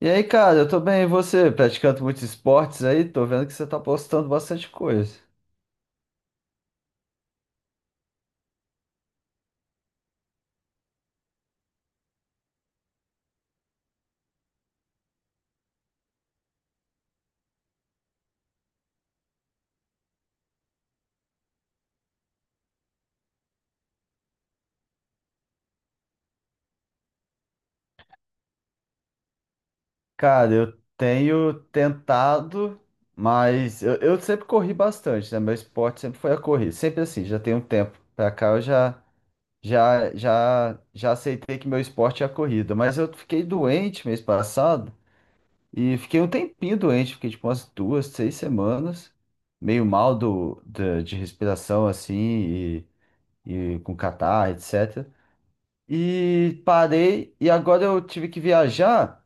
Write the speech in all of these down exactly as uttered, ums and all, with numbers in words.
E aí, cara, eu tô bem, e você? Praticando muitos esportes aí, tô vendo que você tá postando bastante coisa. Cara, eu tenho tentado, mas eu, eu sempre corri bastante, né? Meu esporte sempre foi a corrida, sempre assim, já tem um tempo pra cá eu já, já, já, já aceitei que meu esporte é a corrida, mas eu fiquei doente mês passado e fiquei um tempinho doente, fiquei tipo umas duas, seis semanas, meio mal do, da- de respiração assim e, e com catarro, etcétera. E parei, e agora eu tive que viajar,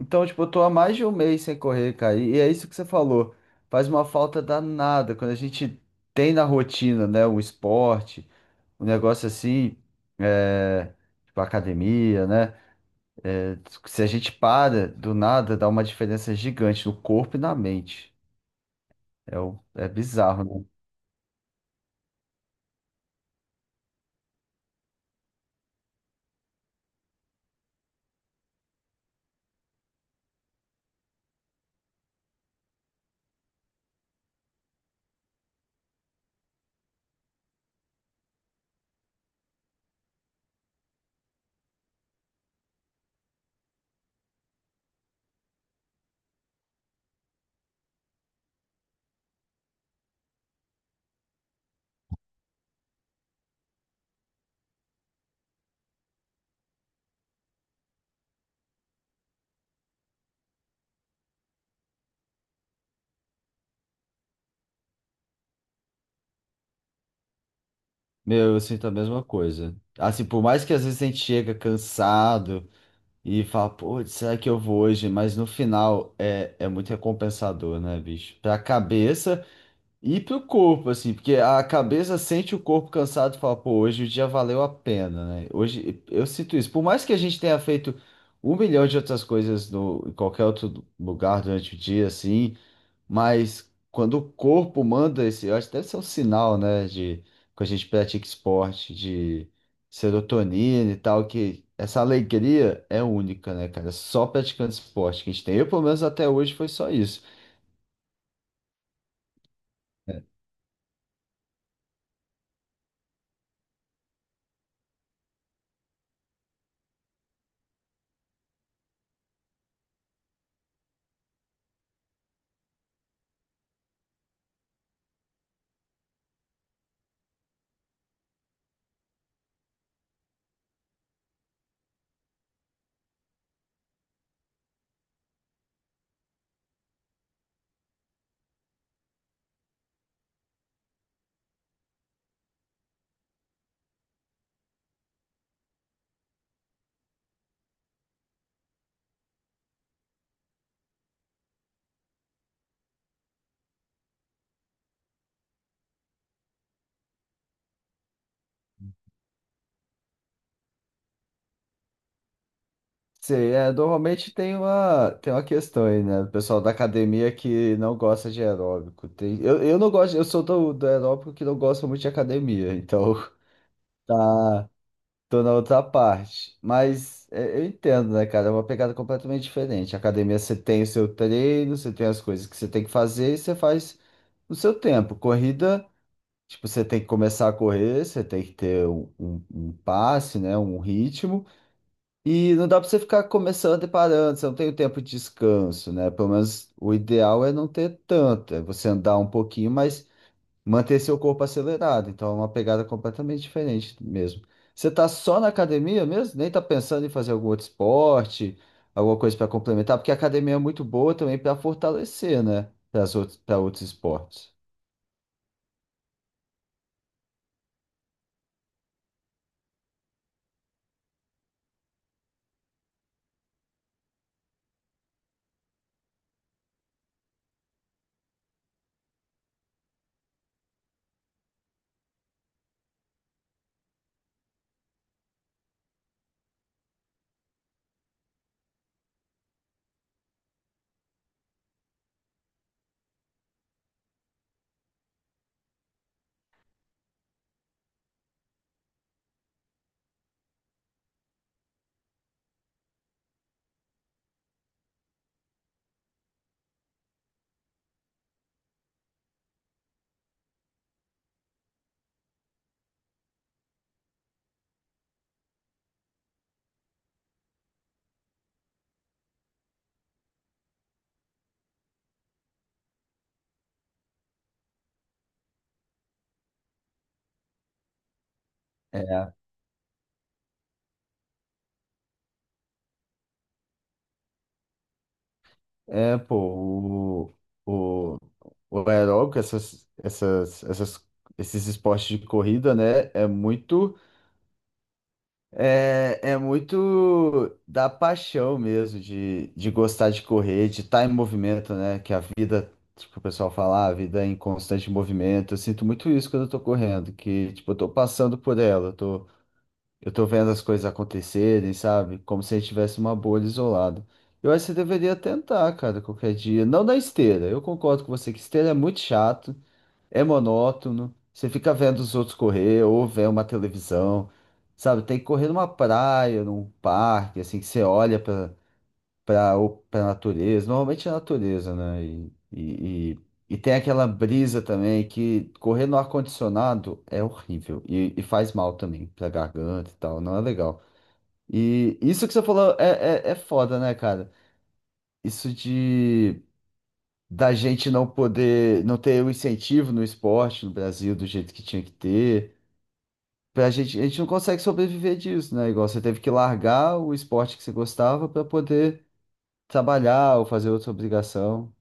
então, tipo, eu tô há mais de um mês sem correr, cara. E é isso que você falou. Faz uma falta danada quando a gente tem na rotina, né? O esporte, um negócio assim, é, tipo, academia, né? Se a gente para do nada, dá uma diferença gigante no corpo e na mente. É, o- é bizarro, né? Meu, eu sinto a mesma coisa. Assim, por mais que às vezes a gente chega cansado. E fala, pô, será que eu vou hoje? Mas no final é, é muito recompensador, né, bicho? Pra cabeça e pro corpo, assim, porque a cabeça sente o corpo cansado e fala, pô, hoje o dia valeu a pena, né? Hoje eu sinto isso. Por mais que a gente tenha feito um milhão de outras coisas no, em qualquer outro lugar durante o dia, assim. Mas quando o corpo manda esse, eu acho que deve ser um sinal, né, de quando a gente pratica esporte, de serotonina e tal, que essa alegria é única, né, cara? Só praticando esporte que a gente tem. Eu, pelo menos até hoje, foi só isso. Sei, é, normalmente tem uma, tem uma questão aí, né? O pessoal da academia que não gosta de aeróbico. Tem, eu, eu não gosto, eu sou do, do aeróbico que não gosta muito de academia, então tá. Tô na outra parte. Mas é, eu entendo, né, cara? É uma pegada completamente diferente. A academia, você tem o seu treino, você tem as coisas que você tem que fazer e você faz no seu tempo. Corrida, tipo, você tem que começar a correr, você tem que ter um, um- um passe, né? Um ritmo. E não dá pra você ficar começando e parando, você não tem o tempo de descanso, né? Pelo menos o ideal é não ter tanto, é você andar um pouquinho, mas manter seu corpo acelerado. Então é uma pegada completamente diferente mesmo. Você tá só na academia mesmo? Nem tá pensando em fazer algum outro esporte, alguma coisa para complementar, porque a academia é muito boa também para fortalecer, né? Para outros, para outros esportes. É, é, pô, o, o, o aeróbico, essas, essas, essas, esses esportes de corrida, né? É muito. É, é muito da paixão mesmo, de, de gostar de correr, de estar em movimento, né? Que a vida, tipo, o pessoal fala, "Ah, a vida é em constante movimento". Eu sinto muito isso quando eu tô correndo, que, tipo, eu tô passando por ela, eu tô, eu tô vendo as coisas acontecerem, sabe? Como se a gente tivesse uma bolha isolada. Eu acho que você deveria tentar, cara, qualquer dia. Não na esteira, eu concordo com você que esteira é muito chato, é monótono. Você fica vendo os outros correr ou vendo uma televisão, sabe? Tem que correr numa praia, num parque, assim, que você olha para para para natureza. Normalmente é natureza, né? E, e, e, e tem aquela brisa também que correr no ar-condicionado é horrível e, e faz mal também pra garganta e tal, não é legal. E isso que você falou é, é, é foda, né, cara? Isso de da gente não poder, não ter o incentivo no esporte no Brasil do jeito que tinha que ter. Pra gente, a gente não consegue sobreviver disso, né? Igual você teve que largar o esporte que você gostava para poder trabalhar ou fazer outra obrigação.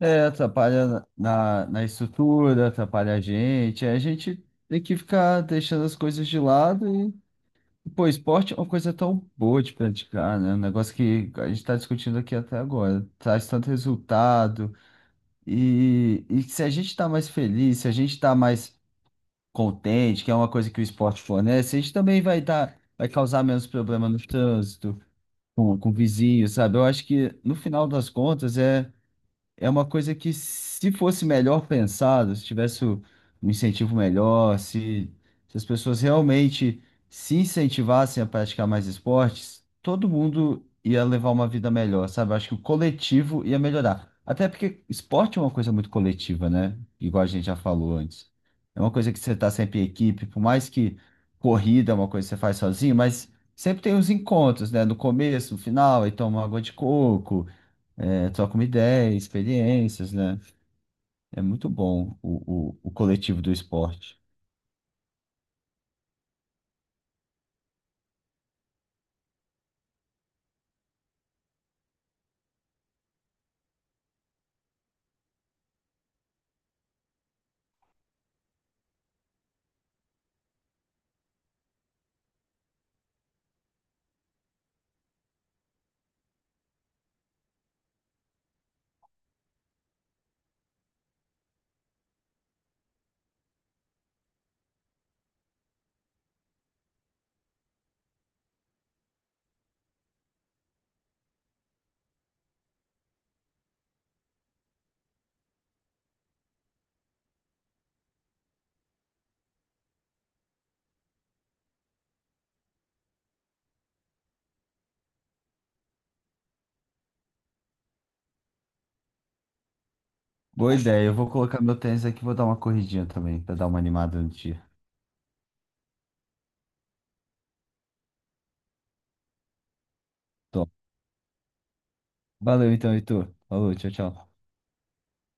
É, atrapalha na, na na estrutura, atrapalha a gente. Aí a gente tem que ficar deixando as coisas de lado e, pô, esporte é uma coisa tão boa de praticar, né? Um negócio que a gente está discutindo aqui até agora. Traz tanto resultado. E, e se a gente está mais feliz, se a gente está mais contente, que é uma coisa que o esporte fornece, a gente também vai dar, vai causar menos problema no trânsito, com, com o vizinho, sabe? Eu acho que no final das contas é é uma coisa que, se fosse melhor pensado, se tivesse um incentivo melhor, se, se as pessoas realmente se incentivassem a praticar mais esportes, todo mundo ia levar uma vida melhor, sabe? Eu acho que o coletivo ia melhorar. Até porque esporte é uma coisa muito coletiva, né? Igual a gente já falou antes. É uma coisa que você está sempre em equipe, por mais que corrida é uma coisa que você faz sozinho, mas sempre tem os encontros, né? No começo, no final, aí toma uma água de coco, é, trocam uma ideia, experiências, né? É muito bom o, o, o coletivo do esporte. Boa ideia, eu vou colocar meu tênis aqui e vou dar uma corridinha também, para dar uma animada no dia. Top. Valeu então, Heitor. Falou, tchau, tchau.